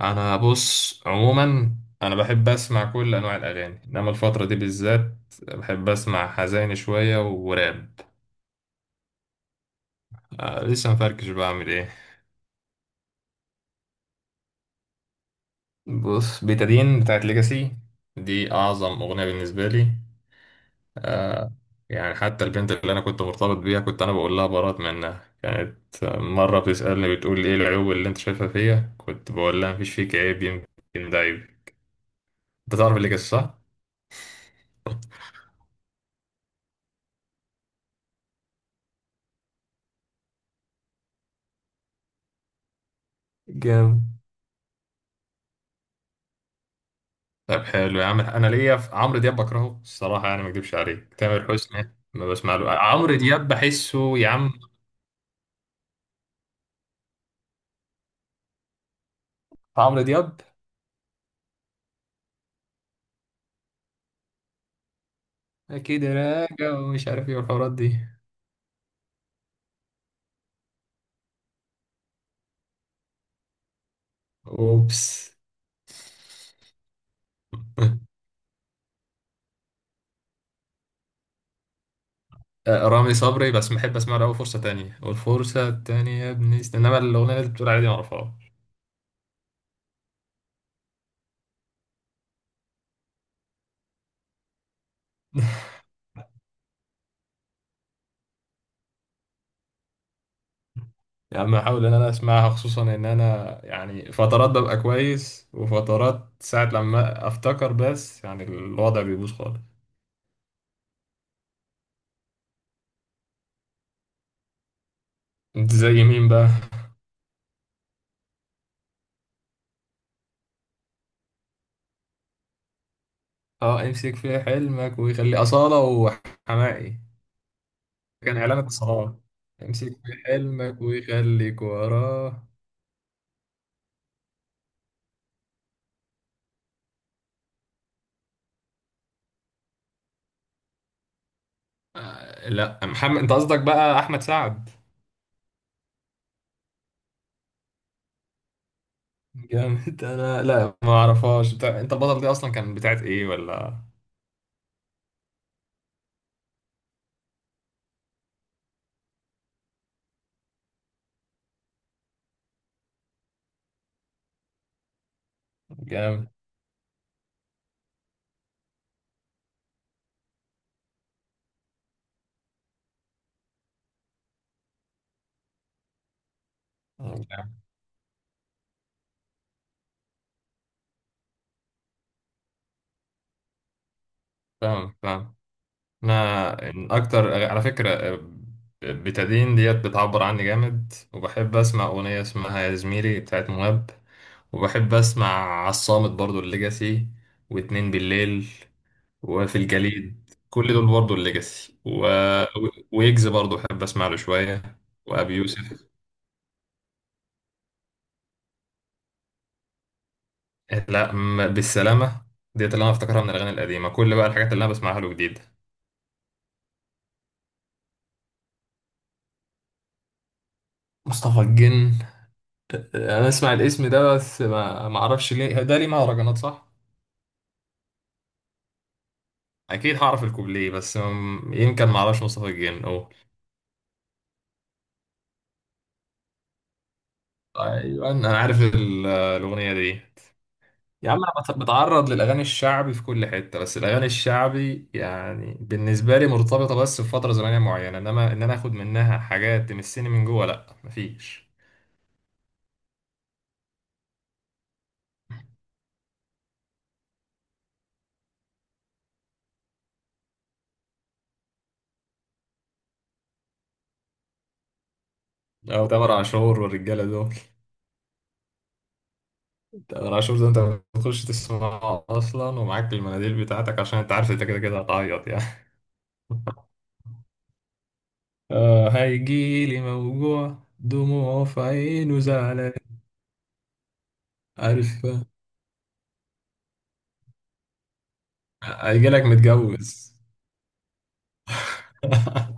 انا بص عموما، انا بحب اسمع كل انواع الاغاني، انما الفتره دي بالذات بحب اسمع حزين شويه وراب. آه، لسه مفركش بعمل ايه. بص، بيتادين بتاعت ليجاسي دي اعظم اغنيه بالنسبه لي. آه، يعني حتى البنت اللي انا كنت مرتبط بيها كنت انا بقول لها برات منها، كانت مره بتسالني بتقول لي ايه العيوب اللي انت شايفها فيا، كنت بقول لها مفيش فيك عيب، يمكن ده عيب. انت تعرف ليجاسي صح؟ جامد. طب حلو يا عم، انا ليا في عمرو دياب بكرهه الصراحه، يعني ما اكدبش عليك، تامر حسني ما بسمع له، عمرو دياب بحسه يا عم. عمرو دياب اكيد راجع ومش عارف ايه والحوارات دي. اوبس. آه، رامي صبري بس بحب اسمع له أوي فرصه تانية والفرصه التانية يا ابني، انما الاغنيه اللي انت بتقول عليها دي ما اعرفهاش. يا عم احاول ان انا اسمعها، خصوصا ان انا يعني فترات ببقى كويس وفترات ساعه لما افتكر بس يعني الوضع بيبوظ خالص. انت زي مين بقى؟ اه، امسك في حلمك ويخلي أصالة وحماقي، كان إعلان اتصالات. امسك في حلمك ويخليك وراه. آه، لا محمد، انت قصدك بقى احمد سعد. جامد. انا لا ما اعرفهاش انت البطل دي اصلا كان بتاعت ايه ولا؟ جامد. فاهم فاهم. انا إن اكتر على فكره بتدين ديت بتعبر عني جامد، وبحب اسمع اغنيه اسمها يا زميلي بتاعت مهاب، وبحب اسمع عصامت برضو الليجاسي، واتنين بالليل، وفي الجليد، كل دول برضو الليجاسي ويجز برضو بحب اسمع له شوية، وابي يوسف. لا، بالسلامة. ديت اللي انا افتكرها من الاغاني القديمة، كل بقى الحاجات اللي انا بسمعها له جديدة. مصطفى الجن؟ انا اسمع الاسم ده بس ما اعرفش ليه، ده ليه مهرجانات صح؟ اكيد هعرف الكوبليه بس يمكن ما اعرفش مصطفى الجن او. ايوه انا عارف الاغنية دي. يا عم انا بتعرض للاغاني الشعبي في كل حته، بس الاغاني الشعبي يعني بالنسبه لي مرتبطه بس بفتره زمنيه معينه، انما ان انا اخد منها حاجات تمسني من جوه لا، مفيش. او تامر عاشور والرجاله دول. تامر عاشور ده انت بتخش تسمعه اصلا ومعاك المناديل بتاعتك، عشان انت عارف انت كده كده هتعيط يعني. آه، هيجيلي موجوع، دموع في عينه، زعلان. عارف، هيجيلك متجوز.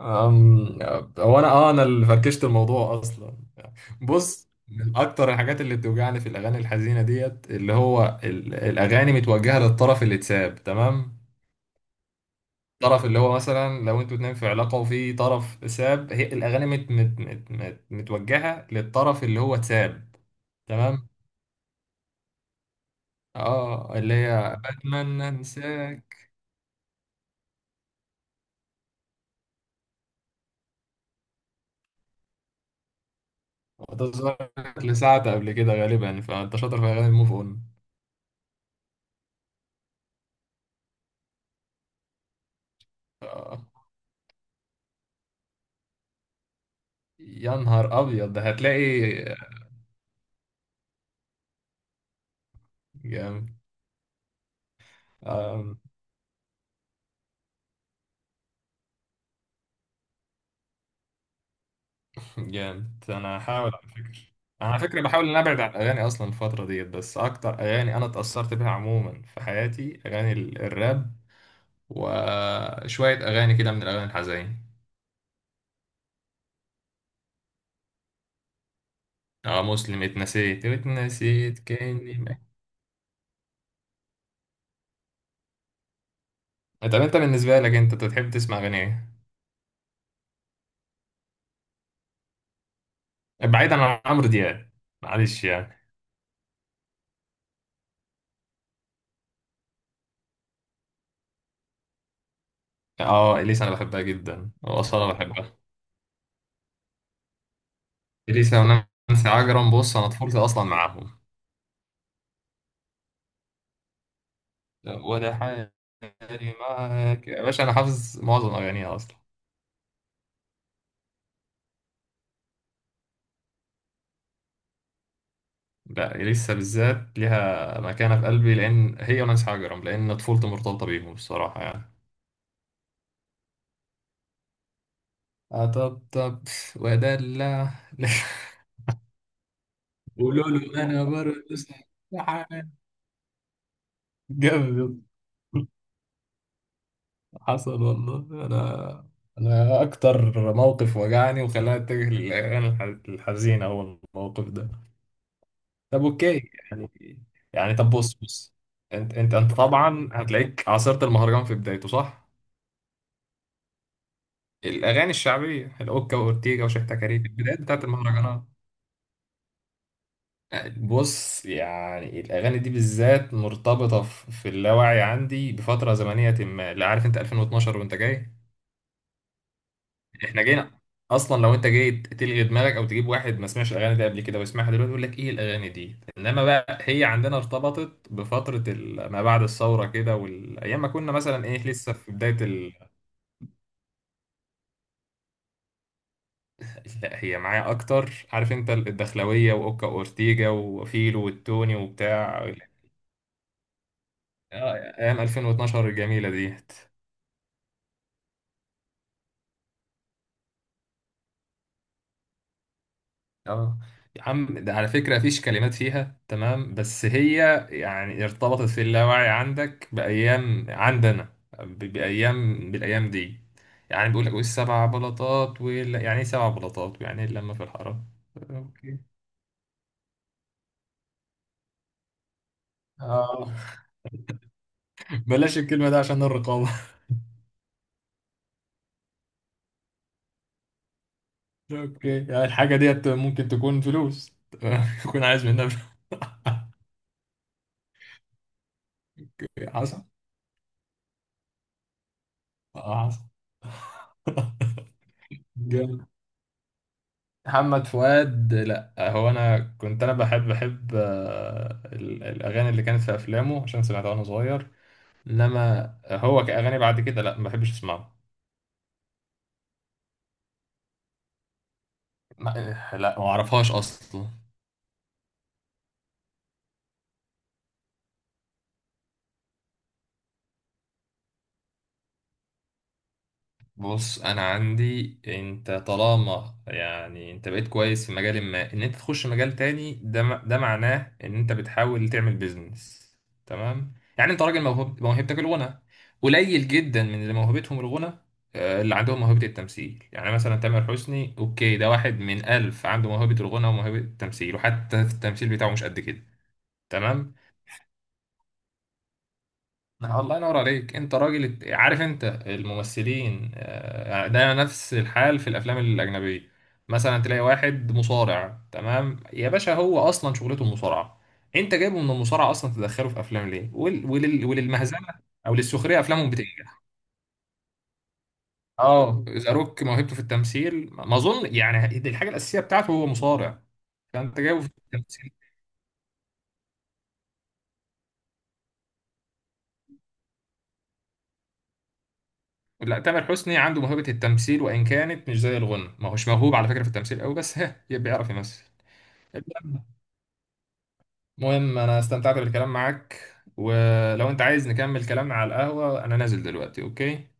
أم... هو انا اه انا اللي فركشت الموضوع اصلا. بص، من اكتر الحاجات اللي بتوجعني في الاغاني الحزينه ديت اللي هو الاغاني متوجهه للطرف اللي اتساب، تمام؟ الطرف اللي هو مثلا لو انتوا اتنين في علاقه وفي طرف ساب، هي الاغاني متوجهه للطرف اللي هو اتساب. تمام. اه، اللي هي بتمنى انساك وتظهر لساعة قبل كده غالبا، فانت شاطر في اغاني الموف اون. آه. يا نهار ابيض ده، هتلاقي جامد. جامد. انا هحاول على فكره. انا على فكره بحاول ان ابعد عن الاغاني اصلا الفتره ديت، بس اكتر اغاني انا اتاثرت بيها عموما في حياتي اغاني الراب، وشويه اغاني كده من الاغاني الحزين. اه، مسلم اتنسيت اتنسيت كاني ما. طب انت بالنسبه لك انت بتحب تسمع اغاني ايه؟ بعيدا عن عمرو دياب، معلش يعني. اه، اليسا انا بحبها جدا، واصاله بحبها. اليسا ونانسي عجرم، بص انا طفولتي اصلا معاهم، وده حالي. معاك يا باشا، أنا حافظ معظم أغانيها أصلا. لا لسه بالذات ليها مكانة في قلبي، لأن هي ونانسي حجرم لأن طفولتي مرتبطة بيهم الصراحة يعني. أطبطب وأدلع. قولوا له أنا برضه سرحان. جامد. حصل والله. أنا أكتر موقف وجعني وخلاني أتجه للأغاني الحزينة هو الموقف ده. طب اوكي يعني. يعني طب، بص بص، انت طبعا هتلاقيك عاصرت المهرجان في بدايته صح؟ الاغاني الشعبيه، الاوكا واورتيجا وشحتة كاريه، البدايات بتاعت المهرجانات. بص يعني الاغاني دي بالذات مرتبطه في اللاوعي عندي بفتره زمنيه ما، لا عارف انت 2012 وانت جاي. احنا جينا اصلا، لو انت جيت تلغي دماغك او تجيب واحد ما سمعش الاغاني دي قبل كده ويسمعها دلوقتي يقول لك ايه الاغاني دي، انما بقى هي عندنا ارتبطت بفتره ما بعد الثوره كده، والايام ما كنا مثلا ايه لسه في بدايه لا، هي معايا اكتر، عارف انت الدخلويه واوكا اورتيجا وفيلو والتوني وبتاع. آه، ايام 2012 الجميله ديت. اه، يا عم ده على فكرة مفيش كلمات فيها تمام، بس هي يعني ارتبطت في اللاوعي عندك بأيام عندنا، بأيام، بالأيام دي. يعني بيقول لك والسبع بلاطات يعني ايه سبع بلاطات، يعني ايه اللمة في الحرام. اوكي، اه. بلاش الكلمة ده عشان الرقابة. اوكي، يعني الحاجة ديت ممكن تكون فلوس، تكون عايز منها فلوس. حصل. اه حصل. جامد. محمد فؤاد، لا هو انا كنت انا بحب الاغاني اللي كانت في افلامه عشان سمعتها وانا صغير، انما هو كاغاني بعد كده لا ما بحبش اسمعه. ما- لا ما اعرفهاش اصلا. بص انا عندي، انت طالما يعني انت بقيت كويس في مجال ما، ان انت تخش مجال تاني ده ده معناه ان انت بتحاول تعمل بيزنس. تمام يعني انت راجل موهوب، موهبتك الغنى. قليل جدا من اللي موهبتهم الغنى آه، اللي عندهم موهبة التمثيل. يعني مثلا تامر حسني اوكي، ده واحد من ألف عنده موهبة الغنى وموهبة التمثيل، وحتى في التمثيل بتاعه مش قد كده. تمام. آه، الله ينور عليك، انت راجل. عارف انت الممثلين آه، ده نفس الحال في الافلام الاجنبيه. مثلا تلاقي واحد مصارع، تمام يا باشا، هو اصلا شغلته المصارعه، انت جايبه من المصارعه اصلا تدخله في افلام ليه، وللمهزله او للسخريه، افلامهم بتنجح. اه، ذا روك موهبته في التمثيل ما اظن يعني دي الحاجه الاساسيه بتاعته، هو مصارع، فانت جايبه في التمثيل. لا، تامر حسني عنده موهبه التمثيل، وان كانت مش زي الغنى، ما هوش موهوب على فكره في التمثيل قوي، بس ها بيعرف يمثل. المهم انا استمتعت بالكلام معاك، ولو انت عايز نكمل كلامنا على القهوة انا نازل دلوقتي اوكي.